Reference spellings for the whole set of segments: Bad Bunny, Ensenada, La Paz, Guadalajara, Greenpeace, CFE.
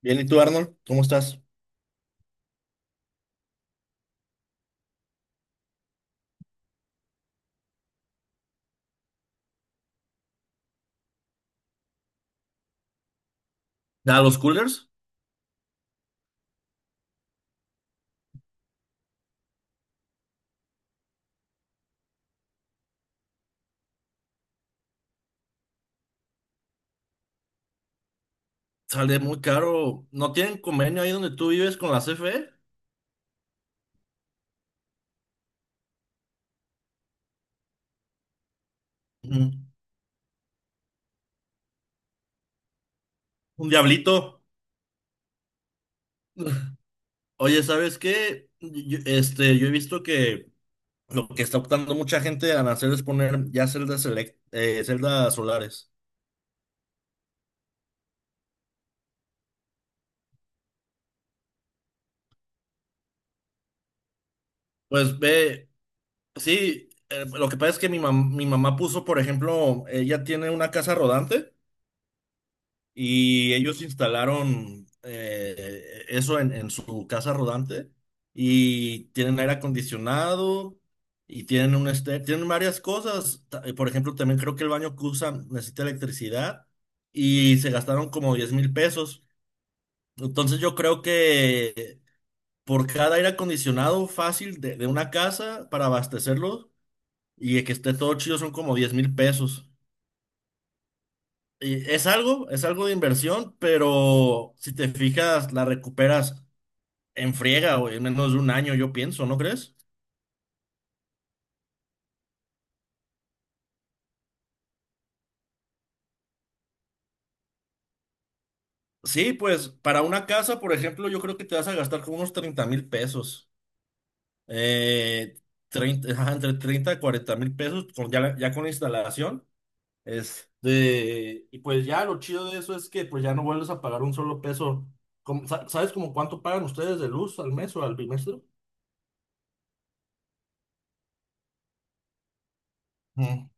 Bien, ¿y tú, Arnold? ¿Cómo estás? A los coolers sale muy caro. ¿No tienen convenio ahí donde tú vives con la CFE? Mm. Un diablito. Oye, ¿sabes qué? Yo he visto que lo que está optando mucha gente a hacer es poner ya celdas, celdas solares. Pues ve, sí, lo que pasa es que mi mamá puso, por ejemplo, ella tiene una casa rodante. Y ellos instalaron eso en su casa rodante y tienen aire acondicionado y tienen tienen varias cosas. Por ejemplo, también creo que el baño que usan necesita electricidad y se gastaron como 10,000 pesos. Entonces yo creo que por cada aire acondicionado fácil de una casa para abastecerlo y que esté todo chido son como 10,000 pesos. Y es algo de inversión, pero si te fijas, la recuperas en friega o en menos de un año, yo pienso, ¿no crees? Sí, pues para una casa, por ejemplo, yo creo que te vas a gastar como unos 30,000 pesos. Eh, 30, ajá, entre 30 y 40 mil pesos con, ya, ya con la instalación. Y pues ya lo chido de eso es que pues ya no vuelves a pagar un solo peso. ¿Sabes como cuánto pagan ustedes de luz al mes o al bimestre? Mm,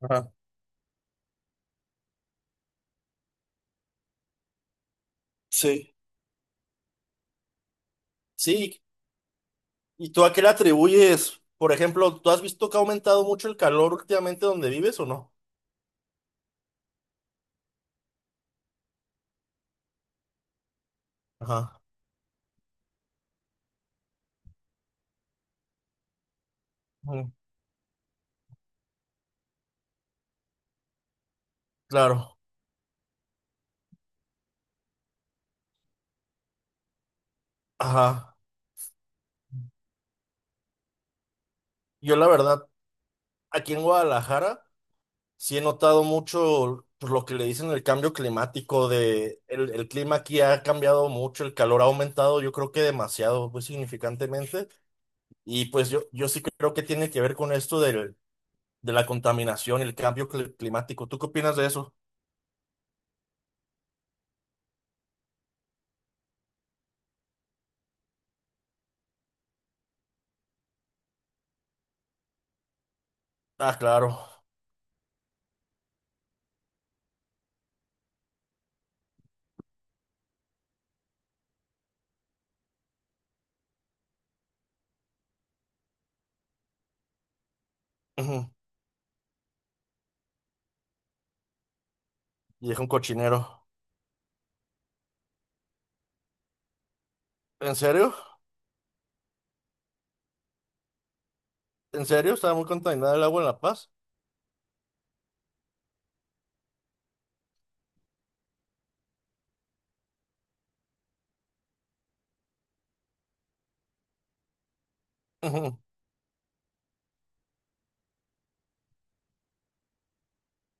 ajá. Sí. Sí, ¿y tú a qué le atribuyes? Por ejemplo, ¿tú has visto que ha aumentado mucho el calor últimamente donde vives o no? Ajá. Mm. Claro. Ajá. Yo la verdad, aquí en Guadalajara sí he notado mucho pues, lo que le dicen el cambio climático de el clima aquí ha cambiado mucho, el calor ha aumentado, yo creo que demasiado, pues significantemente. Y pues yo sí creo que tiene que ver con esto de la contaminación y el cambio climático. ¿Tú qué opinas de eso? Ah, claro. Ujú. Y es un cochinero. ¿En serio? ¿En serio? Estaba muy contaminada el agua en La Paz. Ujú.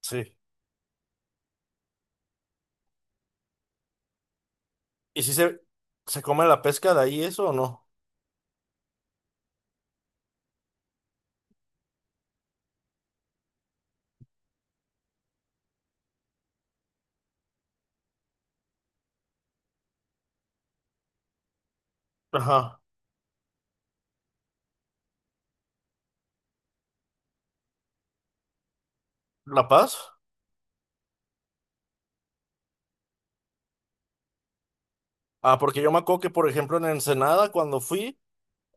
Sí. ¿Y si se come la pesca de ahí eso o no? Ajá. ¿La Paz? Ah, porque yo me acuerdo que, por ejemplo, en Ensenada, cuando fui,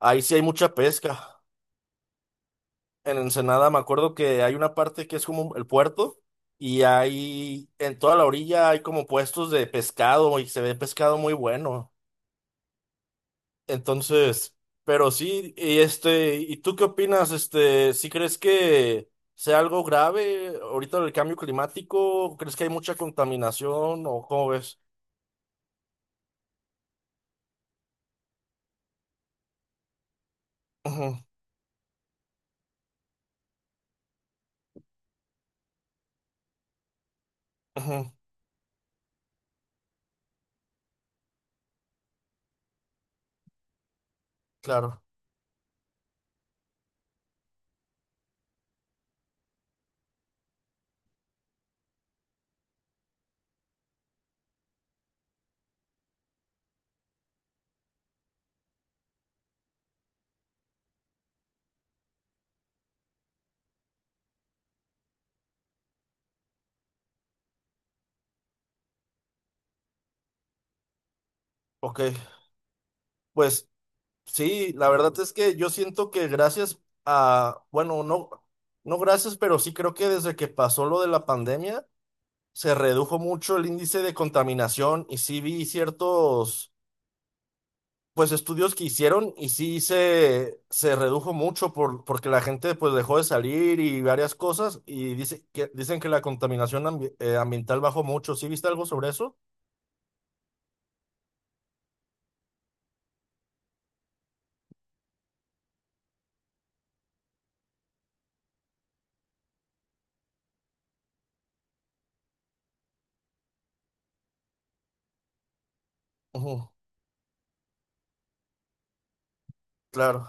ahí sí hay mucha pesca. En Ensenada me acuerdo que hay una parte que es como el puerto y ahí en toda la orilla hay como puestos de pescado y se ve pescado muy bueno. Entonces, pero sí, y ¿y tú qué opinas? ¿Si crees que sea algo grave ahorita el cambio climático? ¿Crees que hay mucha contaminación o cómo ves? Ujú, ujú, claro, ok. Pues sí, la verdad es que yo siento que gracias a, bueno, no, no gracias, pero sí creo que desde que pasó lo de la pandemia se redujo mucho el índice de contaminación y sí vi ciertos pues estudios que hicieron y sí se redujo mucho porque la gente pues dejó de salir y varias cosas y dice que, dicen que la contaminación ambiental bajó mucho. ¿Sí viste algo sobre eso? Ujú, claro.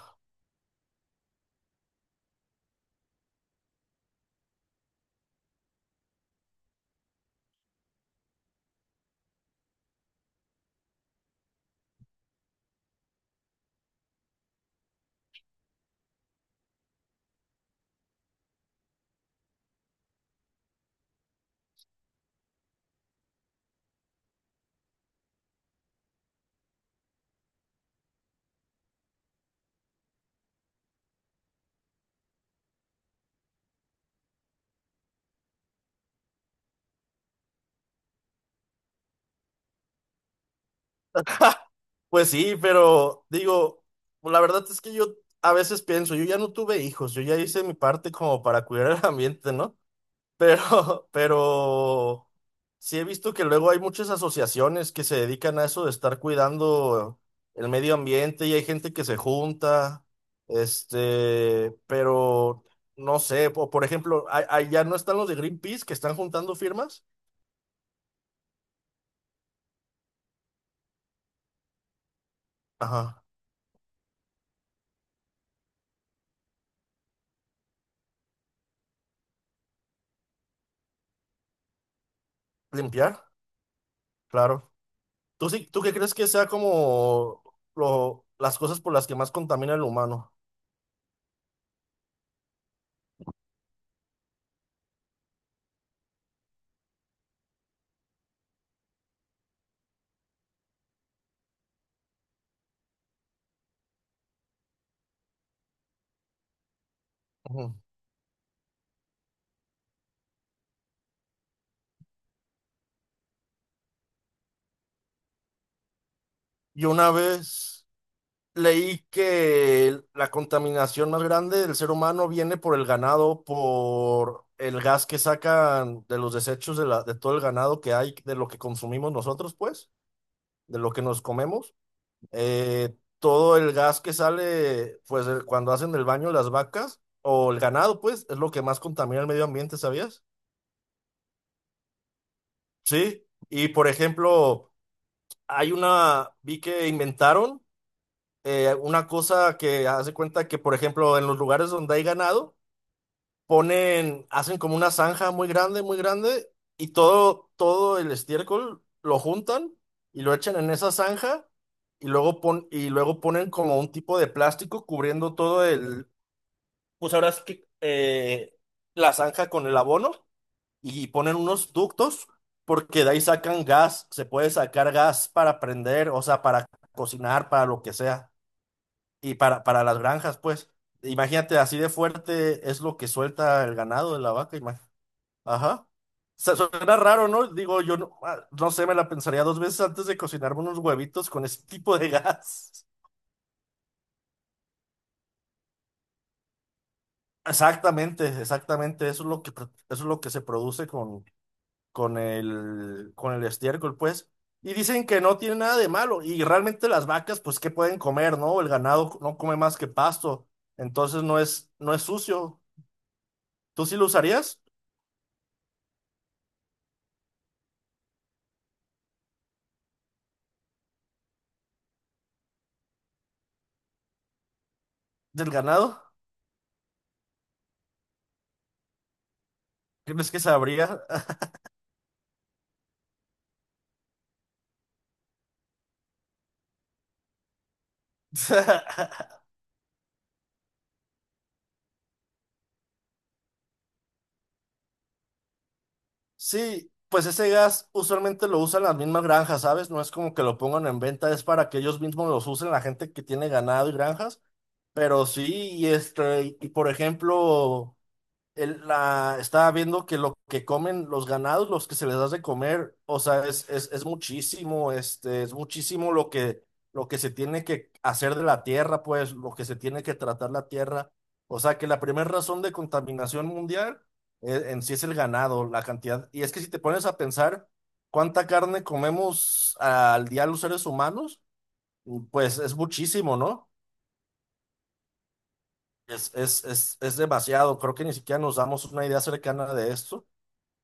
Pues sí, pero digo, la verdad es que yo a veces pienso, yo ya no tuve hijos, yo ya hice mi parte como para cuidar el ambiente, ¿no? Pero sí he visto que luego hay muchas asociaciones que se dedican a eso de estar cuidando el medio ambiente y hay gente que se junta, pero no sé, por ejemplo, allá no están los de Greenpeace que están juntando firmas. Ajá, limpiar, claro. ¿Tú qué crees que sea como las cosas por las que más contamina el humano? Ujú. Y una vez, leí que la contaminación más grande del ser humano viene por el ganado, por el gas que sacan de los desechos de todo el ganado que hay, de lo que consumimos nosotros, pues, de lo que nos comemos. Todo el gas que sale, pues, cuando hacen el baño las vacas o el ganado, pues, es lo que más contamina el medio ambiente, ¿sabías? Sí. Y, por ejemplo, vi que inventaron una cosa que hace cuenta que, por ejemplo, en los lugares donde hay ganado, ponen, hacen como una zanja muy grande, y todo el estiércol lo juntan y lo echan en esa zanja y luego y luego ponen como un tipo de plástico cubriendo todo el, pues ahora es que la zanja con el abono y ponen unos ductos porque de ahí sacan gas, se puede sacar gas para prender, o sea, para cocinar, para lo que sea, y para las granjas, pues. Imagínate, así de fuerte es lo que suelta el ganado de la vaca. Ajá. Suena raro, ¿no? Digo, yo no, no sé, me la pensaría 2 veces antes de cocinarme unos huevitos con ese tipo de gas. Exactamente, exactamente. Eso es lo que, eso es lo que se produce con el estiércol, pues. Y dicen que no tiene nada de malo. Y realmente las vacas, pues, ¿qué pueden comer, no? El ganado no come más que pasto. Entonces no es sucio. ¿Tú sí lo usarías del ganado? ¿Crees que sabría? Sí, pues ese gas usualmente lo usan las mismas granjas, ¿sabes? No es como que lo pongan en venta, es para que ellos mismos los usen, la gente que tiene ganado y granjas. Pero sí, y y por ejemplo estaba viendo que lo que comen los ganados, los que se les da de comer, o sea, es muchísimo, es muchísimo lo que se tiene que hacer de la tierra, pues, lo que se tiene que tratar la tierra. O sea, que la primera razón de contaminación mundial en sí es el ganado, la cantidad. Y es que si te pones a pensar cuánta carne comemos al día los seres humanos, pues es muchísimo, ¿no? Es demasiado. Creo que ni siquiera nos damos una idea cercana de esto.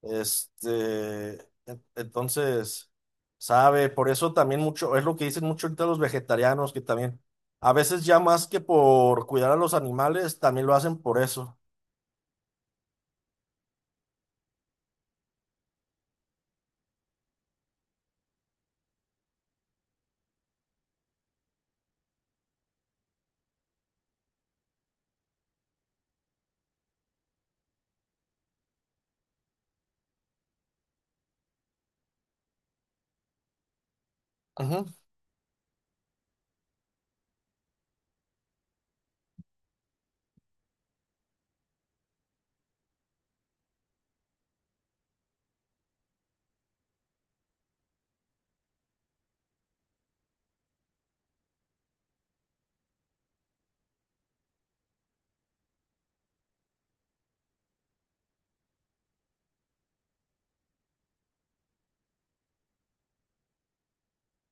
Este, entonces, sabe, por eso también mucho, es lo que dicen mucho ahorita los vegetarianos, que también, a veces ya más que por cuidar a los animales, también lo hacen por eso. Ujú.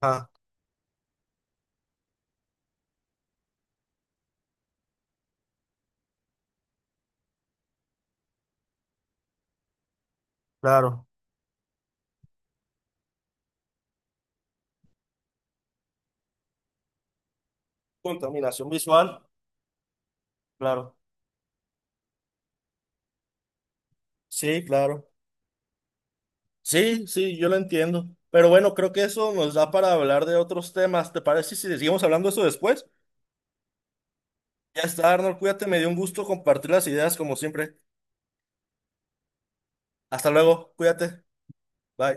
Ah, claro. Contaminación visual, claro. Sí, claro. Sí, sí, yo lo entiendo. Pero bueno, creo que eso nos da para hablar de otros temas. ¿Te parece si seguimos hablando de eso después? Ya está, Arnold, cuídate, me dio un gusto compartir las ideas como siempre. Hasta luego, cuídate. Bye.